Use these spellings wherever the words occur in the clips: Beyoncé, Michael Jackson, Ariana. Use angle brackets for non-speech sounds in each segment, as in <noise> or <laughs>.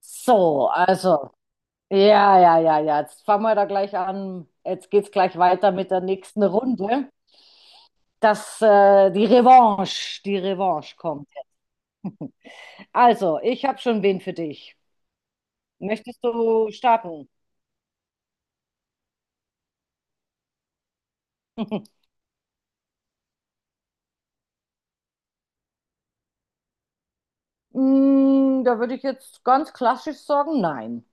So, also, ja, ja, ja, ja. Jetzt fangen wir da gleich an. Jetzt geht's gleich weiter mit der nächsten Runde. Die Revanche kommt. Also, ich habe schon wen für dich. Möchtest du starten? <laughs> Mm, da würde ich jetzt ganz klassisch sagen, nein.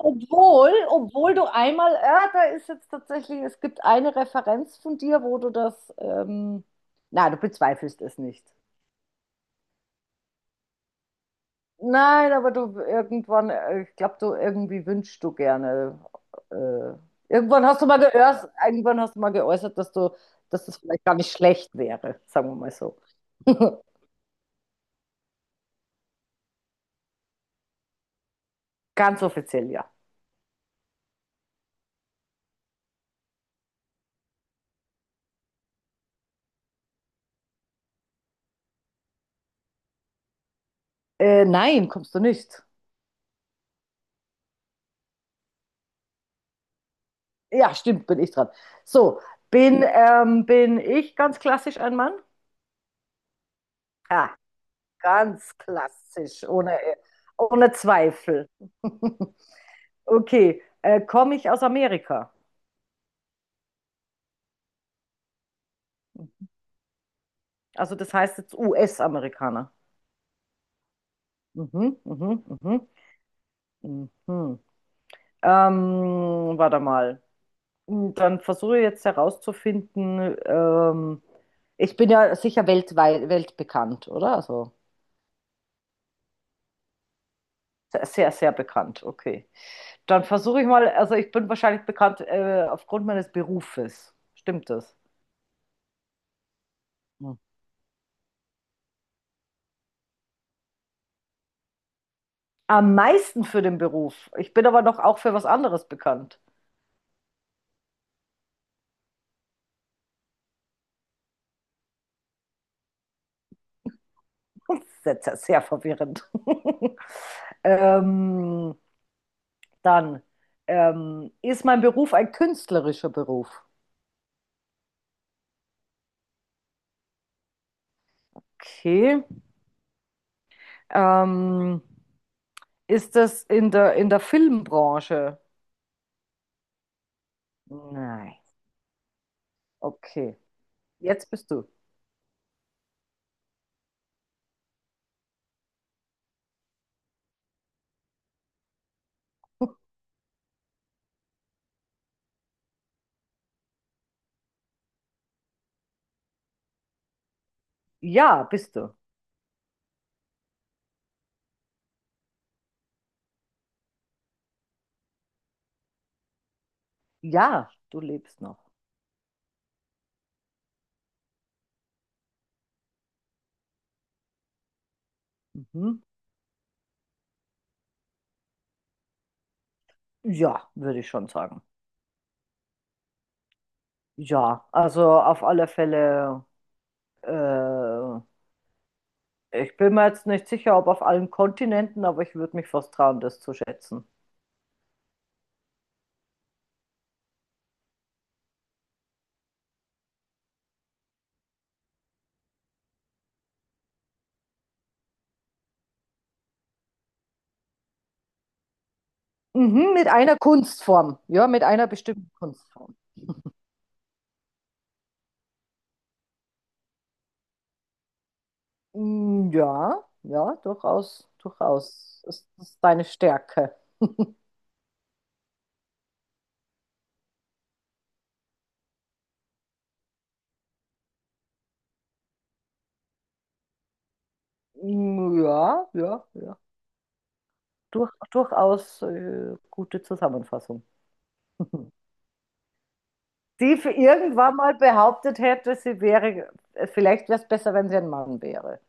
Obwohl du einmal, ja, da ist jetzt tatsächlich, es gibt eine Referenz von dir, wo du na, du bezweifelst es nicht. Nein, aber ich glaube, du irgendwie wünschst du gerne. Äh, Irgendwann hast du mal geäußert, dass dass das vielleicht gar nicht schlecht wäre, sagen wir mal so. <laughs> Ganz offiziell, ja. Nein, kommst du nicht. Ja, stimmt, bin ich dran. So, bin ich ganz klassisch ein Mann? Ja, ganz klassisch, ohne, ohne Zweifel. <laughs> Okay, komme ich aus Amerika? Also das heißt jetzt US-Amerikaner. Mhm, mhm, mhm, mhm. Warte mal. Hm, dann versuche ich jetzt herauszufinden, ich bin ja sicher weltweit, weltbekannt, oder? Also sehr, sehr, sehr bekannt, okay. Dann versuche ich mal, also ich bin wahrscheinlich bekannt, aufgrund meines Berufes. Stimmt das? Hm. Am meisten für den Beruf. Ich bin aber noch auch für was anderes bekannt. Sehr, sehr, sehr verwirrend. <laughs> ähm, Dann ist mein Beruf ein künstlerischer Beruf. Okay. Ähm, Ist das in der Filmbranche? Nein. Okay. Jetzt bist du. Ja, bist du. Ja, du lebst noch. Mhm. Ja, würde ich schon sagen. Ja, also auf alle Fälle. Äh, Ich bin mir jetzt nicht sicher, ob auf allen Kontinenten, aber ich würde mich fast trauen, das zu schätzen. Mhm, mit einer Kunstform. Ja, mit einer bestimmten Kunstform. Mm, ja, ja, durchaus, durchaus. Das ist deine Stärke. Mm, ja, ja, ja. Durch, durchaus gute Zusammenfassung. <laughs> Die für irgendwann mal behauptet hätte, sie wäre, vielleicht wäre es besser, wenn sie ein Mann wäre.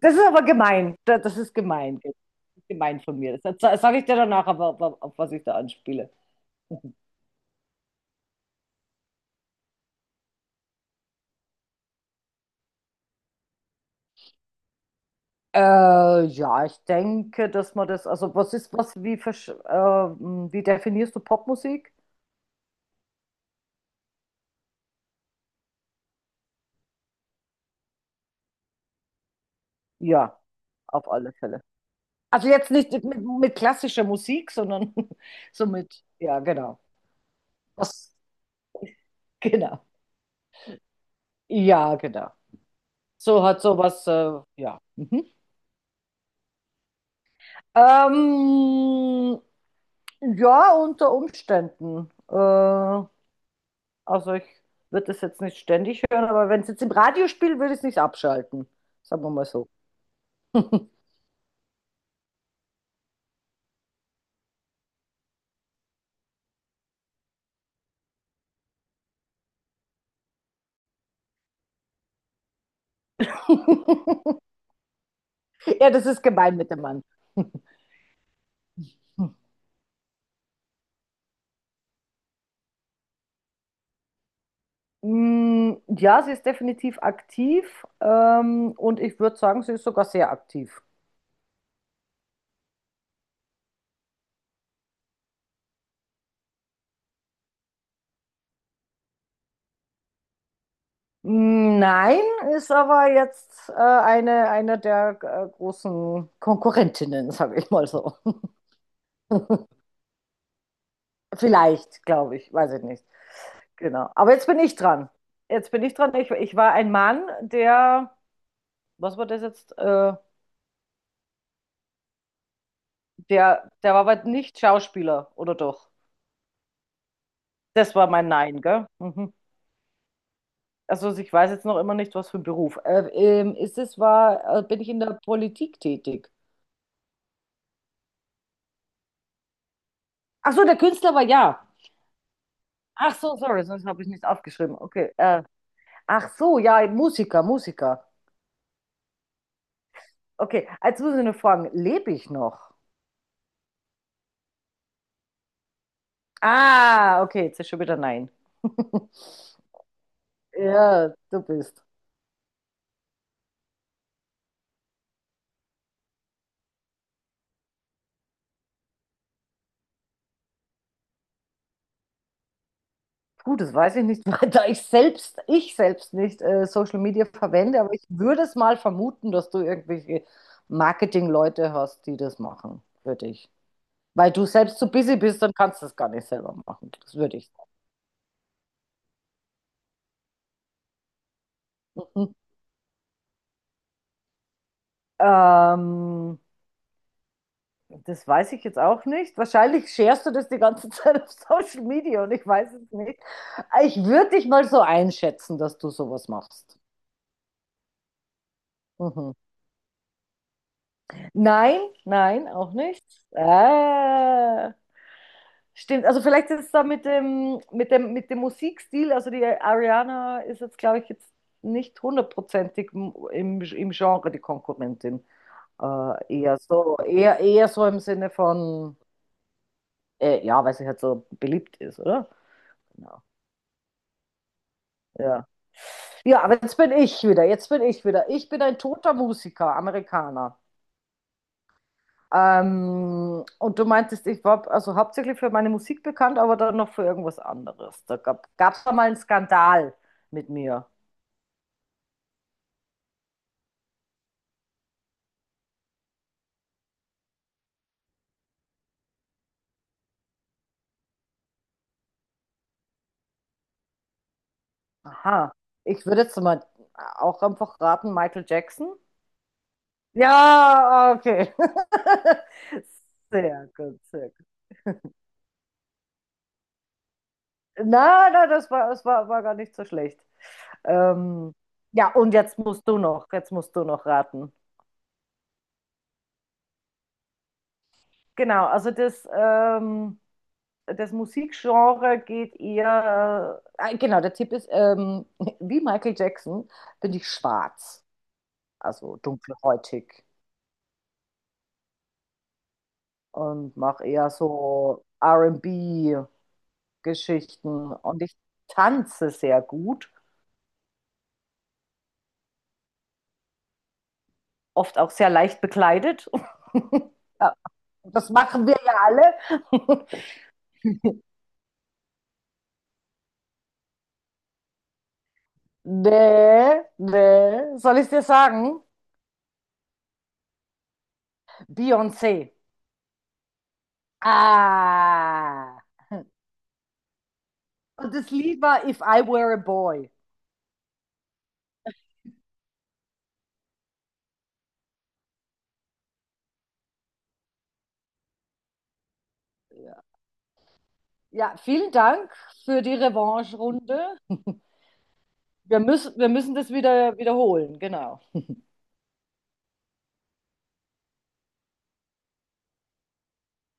Das ist aber gemein. Da- das ist gemein. Das ist gemein von mir. Das sage ich dir danach, aber auf was ich da anspiele. Ja, ich denke, dass man das, also was ist, was, wie, versch- wie definierst du Popmusik? Ja, auf alle Fälle. Also jetzt nicht mit klassischer Musik, sondern <laughs> so mit, ja, genau. Was, <laughs> genau. Ja, genau. So hat sowas, ja. Mhm. Ähm, ja, unter Umständen. Also ich würde das jetzt nicht ständig hören, aber wenn es jetzt im Radio spielt, würde ich es nicht abschalten. Sagen wir mal so. <laughs> <laughs> Ja, das ist gemein mit dem Mann. Mm, ja, sie ist definitiv aktiv und ich würde sagen, sie ist sogar sehr aktiv. Mm, nein, ist aber jetzt eine der großen Konkurrentinnen, sage ich mal so. <laughs> Vielleicht, glaube ich, weiß ich nicht. Genau. Aber jetzt bin ich dran. Jetzt bin ich dran. Ich war ein Mann, was war das jetzt? Der war aber nicht Schauspieler, oder doch? Das war mein Nein, gell? Mhm. Also ich weiß jetzt noch immer nicht, was für ein Beruf. Bin ich in der Politik tätig? Ach so, der Künstler war ja. Ach so, sorry, sonst habe ich nichts aufgeschrieben. Okay. Ach so, ja, Musiker, Musiker. Okay, jetzt muss ich nur fragen, lebe ich noch? Ah, okay, jetzt ist schon wieder nein. <laughs> Ja, du bist. Gut, das weiß ich nicht, <laughs> weil ich selbst nicht Social Media verwende, aber ich würde es mal vermuten, dass du irgendwelche Marketing-Leute hast, die das machen für dich. Weil du selbst zu busy bist, dann kannst du das gar nicht selber machen. Das würde ich sagen. Ähm, Das weiß ich jetzt auch nicht. Wahrscheinlich scherst du das die ganze <laughs> Zeit auf Social Media und ich weiß es nicht. Ich würde dich mal so einschätzen, dass du sowas machst. Mhm. Nein, nein, auch nicht. Ah, stimmt. Also vielleicht ist es da mit dem, mit dem Musikstil, also die Ariana ist jetzt, glaube ich, jetzt nicht hundertprozentig im, im Genre die Konkurrentin. Eher so, eher, eher so im Sinne von, ja, weil sie halt so beliebt ist, oder? Genau. Ja. Ja, aber jetzt bin ich wieder, jetzt bin ich wieder. Ich bin ein toter Musiker, Amerikaner. Und du meintest, ich war also hauptsächlich für meine Musik bekannt, aber dann noch für irgendwas anderes. Da gab es da mal einen Skandal mit mir. Aha. Ich würde jetzt mal auch einfach raten, Michael Jackson. Ja, okay. <laughs> Sehr gut, sehr gut. Na, na, war gar nicht so schlecht. Ähm, ja, und jetzt musst du noch, jetzt musst du noch raten. Genau, das Musikgenre geht eher, genau, der Tipp ist <laughs> wie Michael Jackson bin ich schwarz, also dunkelhäutig und mache eher so R&B-Geschichten und B-Geschichten und ich tanze sehr gut, oft auch sehr leicht bekleidet. <laughs> Ja, das machen wir ja alle. <laughs> Nee, nee, soll ich dir sagen? Beyoncé. Ah. Und das Lied war If I Were a Boy. Ja, vielen Dank für die Revanche-Runde. Wir müssen das wieder wiederholen, genau.